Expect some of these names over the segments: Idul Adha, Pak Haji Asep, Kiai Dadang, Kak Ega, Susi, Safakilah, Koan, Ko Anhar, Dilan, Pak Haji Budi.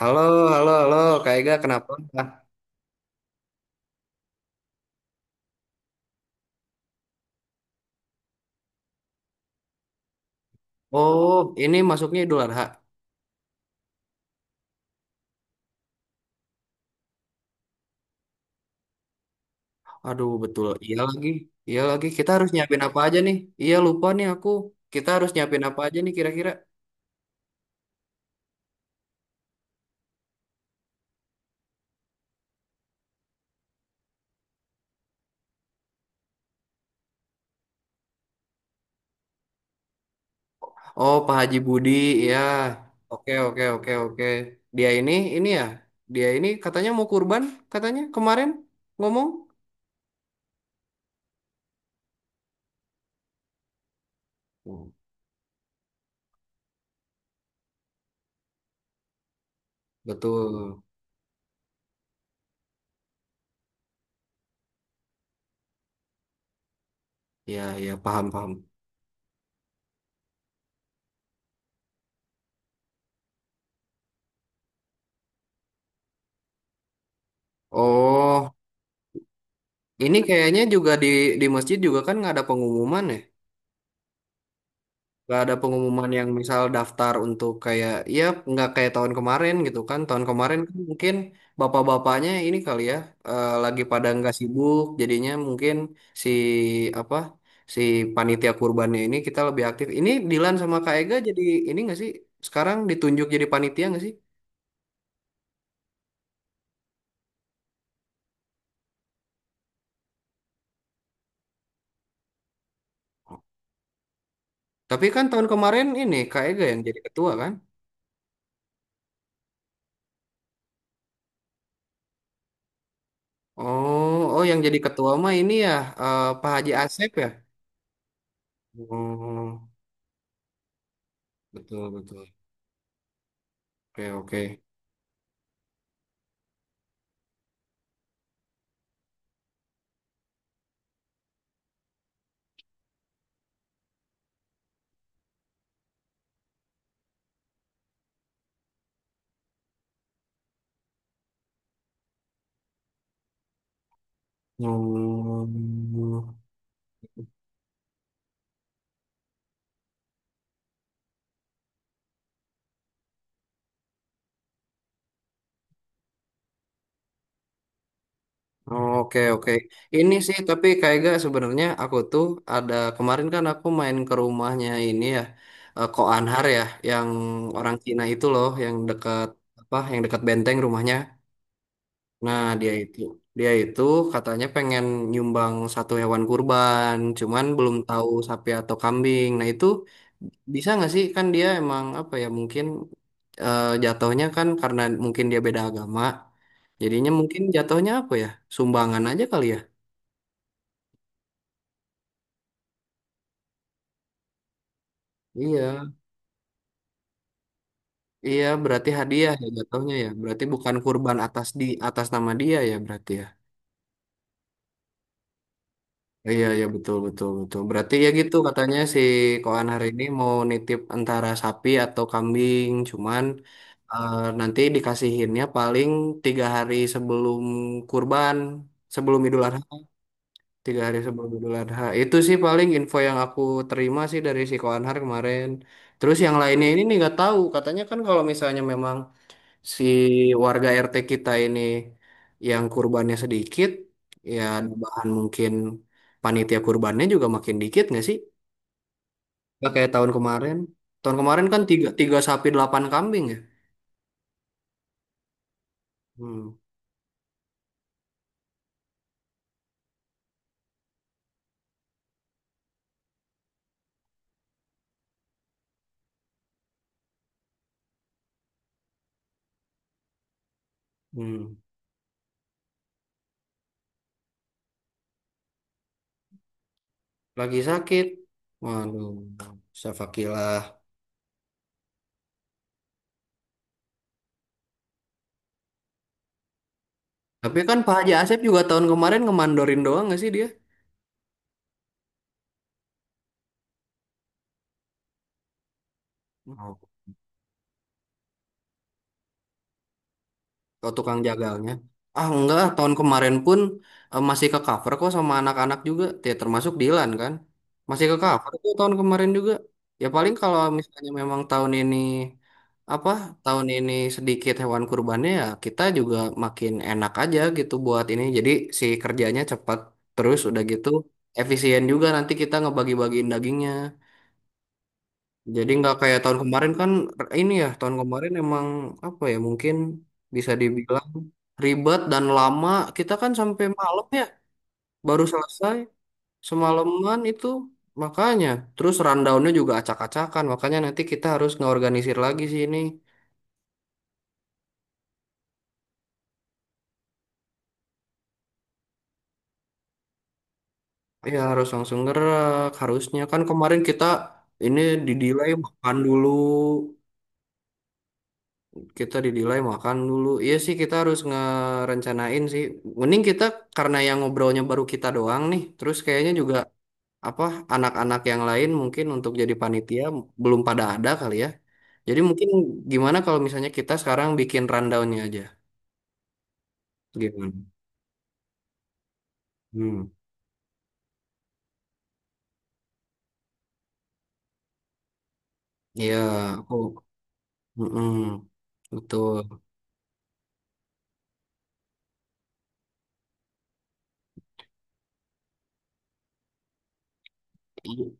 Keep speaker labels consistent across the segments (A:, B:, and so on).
A: Halo, halo, halo, Kak Ega, kenapa? Oh, ini masuknya Idul Adha. Aduh, betul. Iya lagi, iya lagi. Kita harus nyiapin apa aja nih? Iya, lupa nih aku. Kita harus nyiapin apa aja nih kira-kira? Oh, Pak Haji Budi, ya. Oke, oke, oke, oke. Dia ini ya. Dia ini katanya mau kurban, katanya kemarin ngomong. Hmm, betul. Ya, ya, paham, paham. Oh, ini kayaknya juga di masjid juga kan nggak ada pengumuman ya? Nggak ada pengumuman yang misal daftar untuk kayak ya, nggak kayak tahun kemarin gitu kan. Tahun kemarin kan mungkin bapak-bapaknya ini kali ya, lagi pada nggak sibuk jadinya mungkin si apa si panitia kurbannya ini kita lebih aktif, ini Dilan sama Kak Ega jadi ini nggak sih, sekarang ditunjuk jadi panitia nggak sih? Tapi kan tahun kemarin ini Kak Ega yang jadi ketua kan? Oh, oh, yang jadi ketua mah ini ya, Pak Haji Asep ya. Oh, betul, betul. Oke, oke. Hmm. Oke, oke. Ini sih tapi kayak gak, sebenarnya aku tuh ada kemarin kan aku main ke rumahnya ini ya, Ko Anhar ya, yang orang Cina itu loh, yang dekat apa, yang dekat benteng rumahnya. Nah, dia itu katanya pengen nyumbang satu hewan kurban, cuman belum tahu sapi atau kambing. Nah, itu bisa nggak sih kan dia emang apa ya mungkin jatuhnya kan karena mungkin dia beda agama. Jadinya mungkin jatuhnya apa ya? Sumbangan aja kali ya. Iya. Iya, berarti hadiah ya jatuhnya ya. Berarti bukan kurban atas di atas nama dia ya berarti ya. Iya, iya, betul, betul, betul. Berarti ya gitu katanya si Koan hari ini mau nitip antara sapi atau kambing, cuman nanti dikasihinnya paling 3 hari sebelum kurban, sebelum Idul Adha, 3 hari sebelum Idul Adha. Itu sih paling info yang aku terima sih dari si Koanhar kemarin. Terus yang lainnya ini nih nggak tahu. Katanya kan kalau misalnya memang si warga RT kita ini yang kurbannya sedikit, ya bahan mungkin panitia kurbannya juga makin dikit nggak sih? Nggak kayak tahun kemarin. Tahun kemarin kan tiga sapi delapan kambing ya. Hmm, hmm. Lagi sakit. Waduh, Safakilah. Tapi kan Pak Haji Asep juga tahun kemarin ngemandorin doang nggak sih dia? Oh, tukang jagalnya. Ah, enggak, ah, tahun kemarin pun masih ke cover kok sama anak-anak juga. Ya, termasuk Dilan kan. Masih ke cover kok tahun kemarin juga. Ya paling kalau misalnya memang tahun ini apa? Tahun ini sedikit hewan kurbannya ya kita juga makin enak aja gitu buat ini. Jadi si kerjanya cepat, terus udah gitu efisien juga nanti kita ngebagi-bagiin dagingnya. Jadi nggak kayak tahun kemarin kan. Ini ya tahun kemarin emang apa ya, mungkin bisa dibilang ribet dan lama. Kita kan sampai malam ya baru selesai, semalaman itu. Makanya terus rundownnya juga acak-acakan, makanya nanti kita harus ngeorganisir lagi sih ini. Ya harus langsung gerak, harusnya kan kemarin kita ini di makan dulu. Kita dinilai makan dulu. Iya sih, kita harus ngerencanain sih. Mending kita, karena yang ngobrolnya baru kita doang nih. Terus kayaknya juga apa, anak-anak yang lain mungkin untuk jadi panitia belum pada ada kali ya. Jadi mungkin gimana kalau misalnya kita sekarang bikin rundownnya aja. Gimana? Hmm. Iya, aku, mm-mm. Betul. I-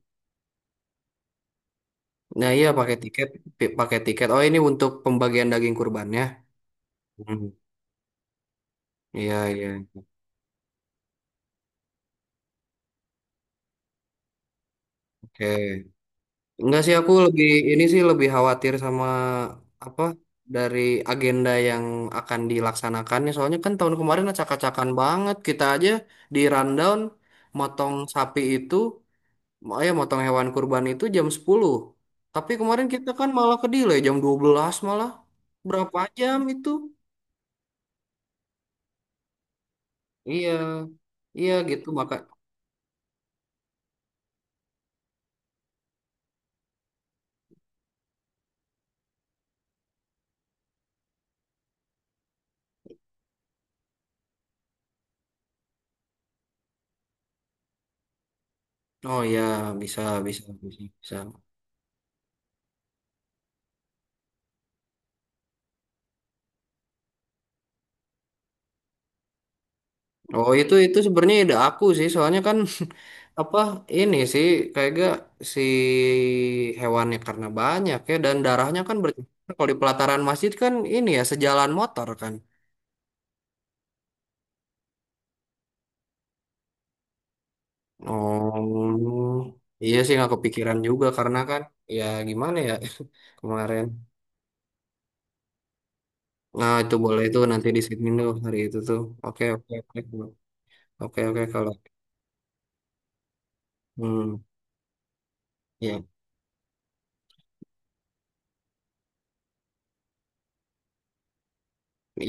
A: Nah, iya pakai tiket, pakai tiket. Oh, ini untuk pembagian daging kurbannya. Hmm. Iya, iya. Oke. Enggak sih, aku lebih ini sih, lebih khawatir sama apa, dari agenda yang akan dilaksanakannya. Soalnya kan tahun kemarin acak-acakan banget, kita aja di rundown motong sapi itu, ya motong hewan kurban itu jam 10. Tapi kemarin kita kan malah ke delay jam 12 malah. Berapa jam itu? Iya. Iya gitu maka. Oh ya, bisa, bisa, bisa, bisa. Oh, itu sebenarnya ide aku sih, soalnya kan apa, ini sih kayak gak, si hewannya karena banyak ya dan darahnya kan berceceran kalau di pelataran masjid kan ini ya sejalan motor kan. Oh iya sih, nggak kepikiran juga karena kan ya gimana ya kemarin. Nah itu boleh, itu nanti di sini tuh hari itu tuh. Oke, oke, oke, oke, oke kalau hmm ya,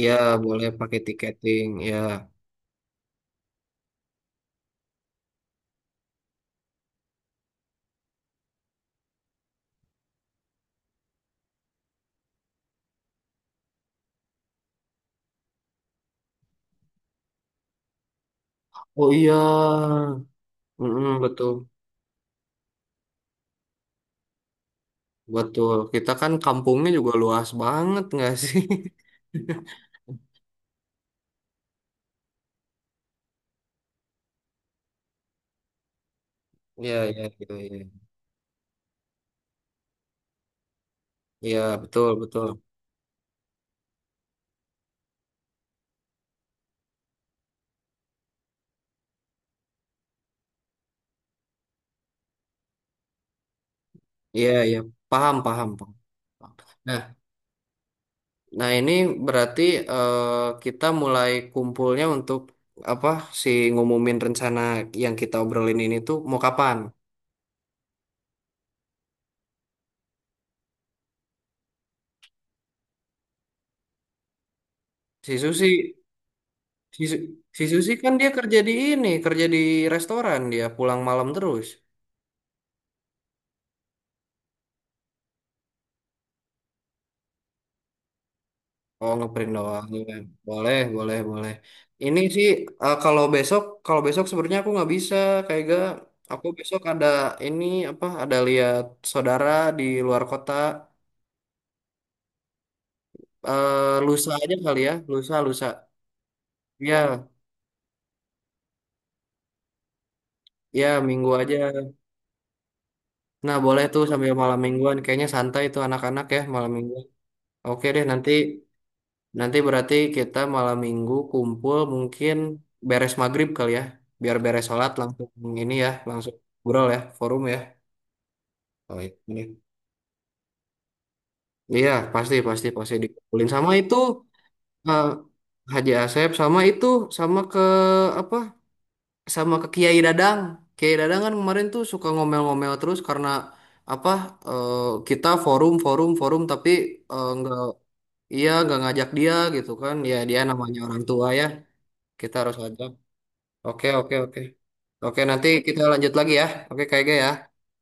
A: ya boleh pakai tiketing ya. Oh, iya. Mm-mm, betul. Betul, kita kan kampungnya juga luas banget nggak sih? Iya, iya, iya, iya. Iya, betul, betul. Iya, iya, paham, paham, paham. Nah, nah, ini berarti eh, kita mulai kumpulnya untuk apa si ngumumin rencana yang kita obrolin ini tuh mau kapan? Si Susi, si, Su- si Susi kan dia kerja di ini, kerja di restoran, dia pulang malam terus. Oh, ngeprint doang. Iya, kan? Boleh, boleh, boleh. Ini sih eh, kalau besok, kalau besok sebenarnya aku nggak bisa, kayak gak. Aku besok ada ini apa? Ada lihat saudara di luar kota. Lusa aja kali ya, lusa, lusa. Ya, ya minggu aja. Nah, boleh tuh sambil malam mingguan. Kayaknya santai tuh anak-anak ya malam mingguan. Oke deh, nanti nanti berarti kita malam minggu kumpul mungkin beres maghrib kali ya. Biar beres sholat langsung ini ya, langsung. Ngobrol ya, forum ya. Oh, iya, ini. Iya, pasti, pasti, pasti dikumpulin sama itu, eh, Haji Asep sama itu sama ke apa? Sama ke Kiai Dadang. Kiai Dadang kan kemarin tuh suka ngomel-ngomel terus karena apa? eh, kita forum, forum, forum tapi nggak, iya nggak ngajak dia gitu kan. Ya dia namanya orang tua ya. Kita harus ngajak. Oke, oke, oke. Oke, nanti kita lanjut lagi ya. Oke, Kak Ega ya.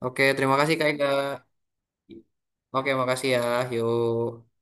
A: Oke, terima kasih Kak Ega. Oke, makasih ya. Yuk.